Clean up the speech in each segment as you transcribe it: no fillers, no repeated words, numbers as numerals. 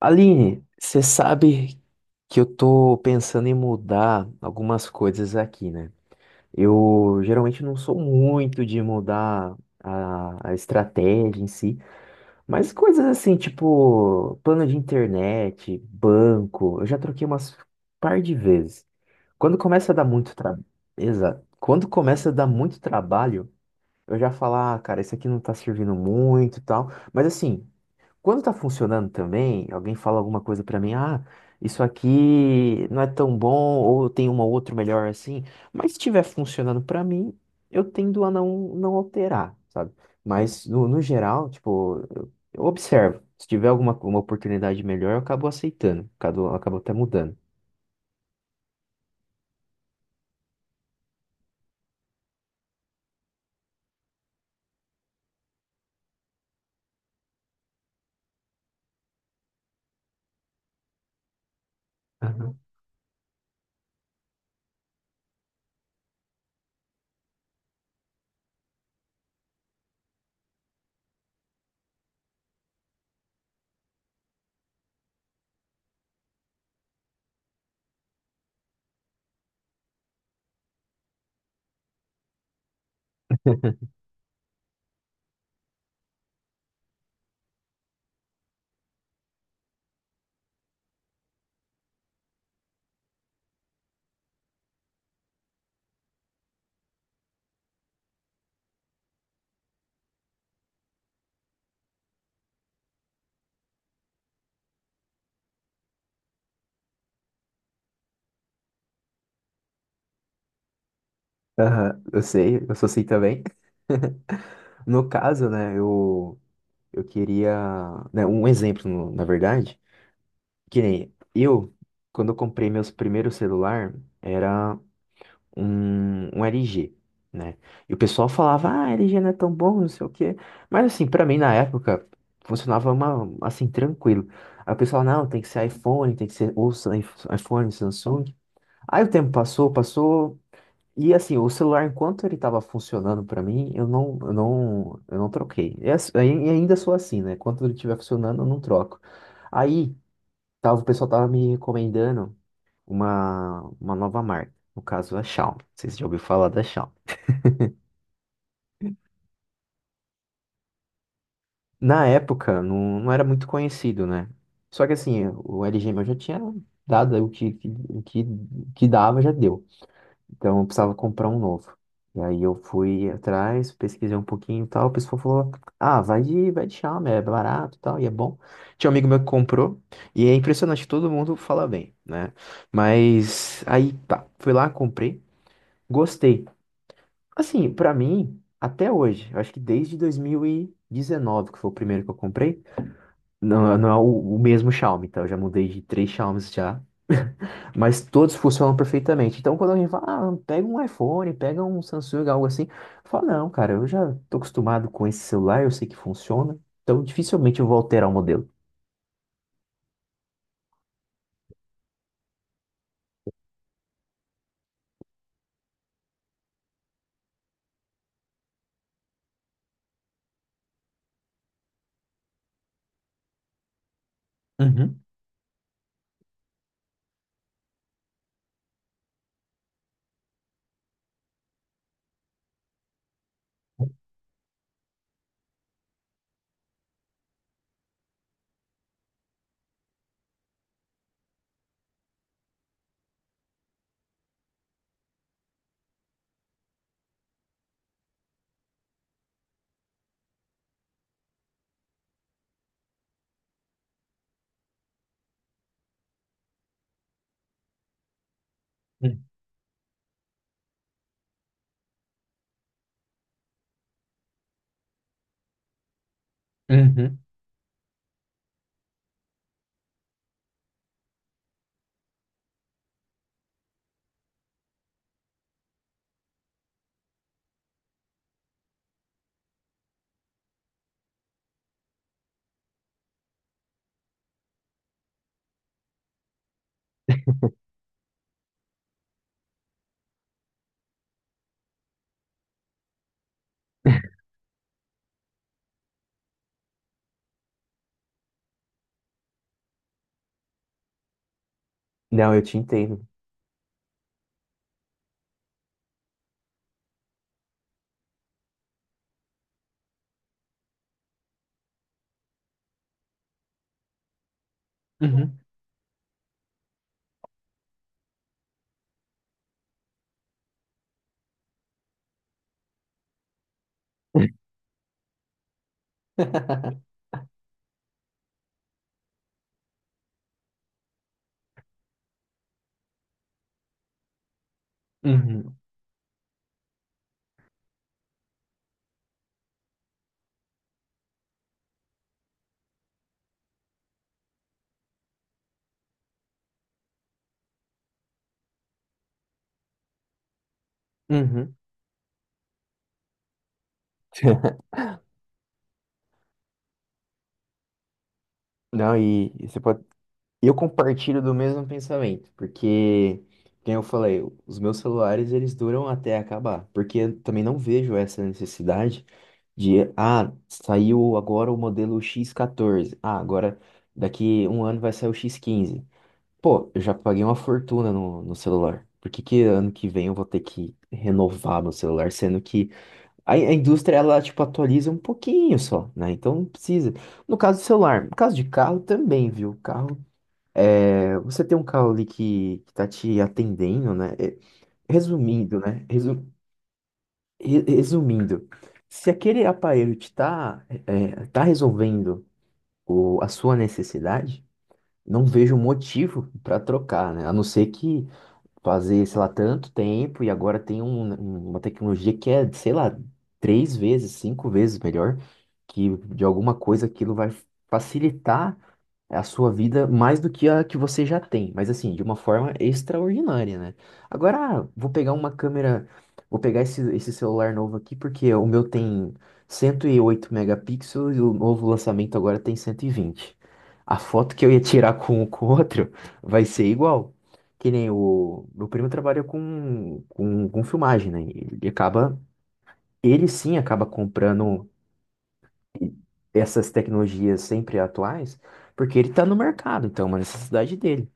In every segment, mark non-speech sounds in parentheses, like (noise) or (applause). Aline, você sabe que eu tô pensando em mudar algumas coisas aqui, né? Eu geralmente não sou muito de mudar a estratégia em si, mas coisas assim, tipo plano de internet, banco, eu já troquei umas par de vezes. Quando começa a dar muito trabalho, exato. Quando começa a dar muito trabalho, eu já falo, ah, cara, isso aqui não tá servindo muito e tal. Mas assim, quando tá funcionando também, alguém fala alguma coisa pra mim, ah, isso aqui não é tão bom, ou tem uma ou outra melhor assim, mas se estiver funcionando pra mim, eu tendo a não alterar, sabe? Mas no no geral, tipo, eu observo. Se tiver alguma uma oportunidade melhor, eu acabo aceitando, acabo, acabo até mudando. Aham. Aham, eu sei, eu sou assim também. No caso, né, eu queria, né, um exemplo, na verdade. Que nem eu, quando eu comprei meus primeiros celular, era um LG, né? E o pessoal falava, ah, LG não é tão bom, não sei o quê. Mas assim, pra mim na época, funcionava uma, assim, tranquilo. Aí o pessoal, não, tem que ser iPhone, tem que ser iPhone, Samsung. Aí o tempo passou, passou, e assim, o celular, enquanto ele tava funcionando pra mim, eu não troquei. E ainda sou assim, né? Enquanto ele estiver funcionando, eu não troco. Aí, Tava, o pessoal tava me recomendando uma nova marca, no caso a Xiaomi. Vocês já ouviram falar da Xiaomi. Na época, não era muito conhecido, né? Só que assim, o LG meu já tinha dado o que, que, o que, o que dava, já deu. Então eu precisava comprar um novo. E aí eu fui atrás, pesquisei um pouquinho e tal. O pessoal falou, ah, vai de Xiaomi, é barato e tal, e é bom. Tinha um amigo meu que comprou, e é impressionante, todo mundo fala bem, né? Mas aí tá, fui lá, comprei. Gostei. Assim, pra mim, até hoje, eu acho que desde 2019, que foi o primeiro que eu comprei, não, não é o mesmo Xiaomi, tá? Eu já mudei de três Xiaomis já, (laughs) mas todos funcionam perfeitamente. Então, quando alguém fala, ah, pega um iPhone, pega um Samsung, algo assim, eu falo, não, cara, eu já tô acostumado com esse celular, eu sei que funciona, então dificilmente eu vou alterar o modelo. Uhum, uhum, uhum, Não, eu te entendo. Uhum, (laughs) uhum, uhum. (laughs) Não, e você pode eu compartilho do mesmo pensamento, porque, como eu falei, os meus celulares eles duram até acabar, porque eu também não vejo essa necessidade de, ah, saiu agora o modelo X14, ah, agora daqui um ano vai sair o X15. Pô, eu já paguei uma fortuna no no celular. Por que que ano que vem eu vou ter que renovar meu celular, sendo que a indústria, ela, tipo, atualiza um pouquinho só, né? Então não precisa. No caso do celular, no caso de carro também, viu? Carro. É, você tem um carro ali que tá te atendendo, né? É, resumindo, né? Resumindo, se aquele aparelho te tá, é, tá resolvendo o, a sua necessidade, não vejo motivo para trocar, né? A não ser que fazer, sei lá, tanto tempo e agora tem né, uma tecnologia que é, sei lá, três vezes, cinco vezes melhor, que de alguma coisa aquilo vai facilitar é a sua vida mais do que a que você já tem, mas assim, de uma forma extraordinária, né? Agora, ah, vou pegar uma câmera, vou pegar esse celular novo aqui, porque o meu tem 108 megapixels e o novo lançamento agora tem 120. A foto que eu ia tirar com (laughs) com o outro vai ser igual. Que nem o meu primo trabalha com filmagem, né? Ele acaba, ele sim acaba comprando essas tecnologias sempre atuais, porque ele está no mercado, então é uma necessidade dele.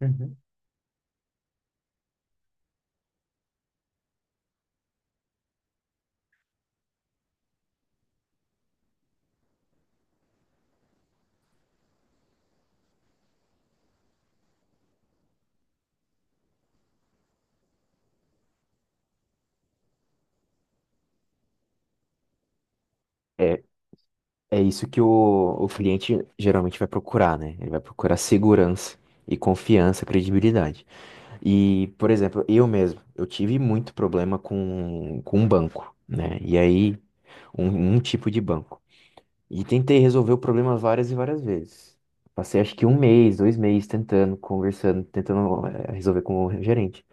Uhum. É, é isso que o cliente geralmente vai procurar, né? Ele vai procurar segurança e confiança, credibilidade. E, por exemplo, eu mesmo, eu tive muito problema com um banco, né? E aí, um tipo de banco. E tentei resolver o problema várias e várias vezes. Passei acho que um mês, dois meses tentando, conversando, tentando resolver com o gerente.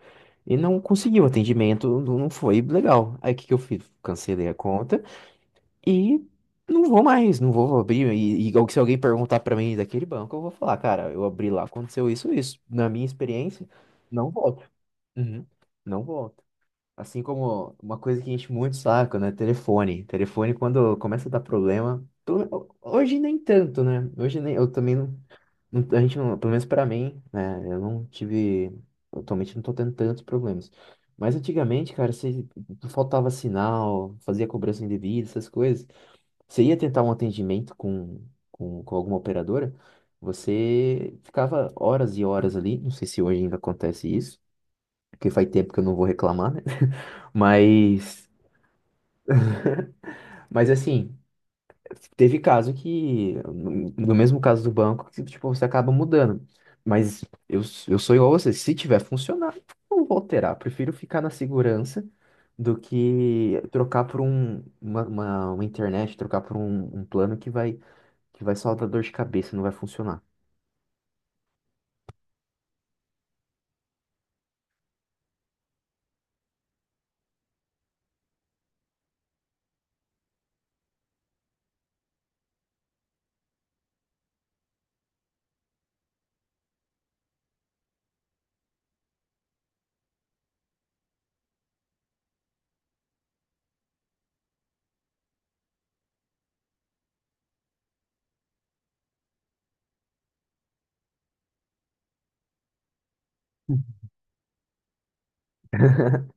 E não conseguiu atendimento, não foi legal. Aí o que que eu fiz? Cancelei a conta e não vou mais, não vou abrir. E se alguém perguntar pra mim daquele banco, eu vou falar, cara, eu abri lá, aconteceu isso, isso. Na minha experiência, não volto. Uhum. Não volto. Assim como uma coisa que enche muito o saco, né? Telefone. Telefone, quando começa a dar problema. Hoje nem tanto, né? Hoje nem. Eu também não. A gente não. Pelo menos pra mim, né? Eu não tive. Atualmente não tô tendo tantos problemas. Mas antigamente, cara, se faltava sinal, fazia cobrança indevida, essas coisas. Você ia tentar um atendimento com alguma operadora, você ficava horas e horas ali. Não sei se hoje ainda acontece isso que faz tempo que eu não vou reclamar, né? (laughs) Mas, mas assim, teve caso que, no no mesmo caso do banco, que tipo, você acaba mudando. Mas eu, eu sou igual a você, se tiver funcionando, não vou alterar. Prefiro ficar na segurança do que trocar por uma internet, trocar por um plano que vai só dar dor de cabeça, não vai funcionar. (laughs)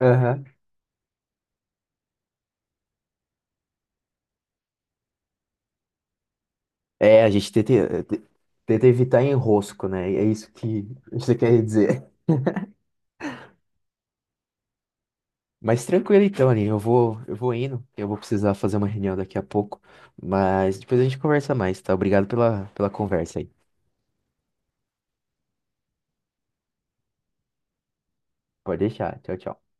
Enro... É, a gente tenta, tenta evitar enrosco, né? É isso que (laughs) você quer dizer. Mas tranquilo então, Aline. Eu vou indo. Eu vou precisar fazer uma reunião daqui a pouco. Mas depois a gente conversa mais, tá? Obrigado pela conversa aí. Pode deixar. Tchau, tchau.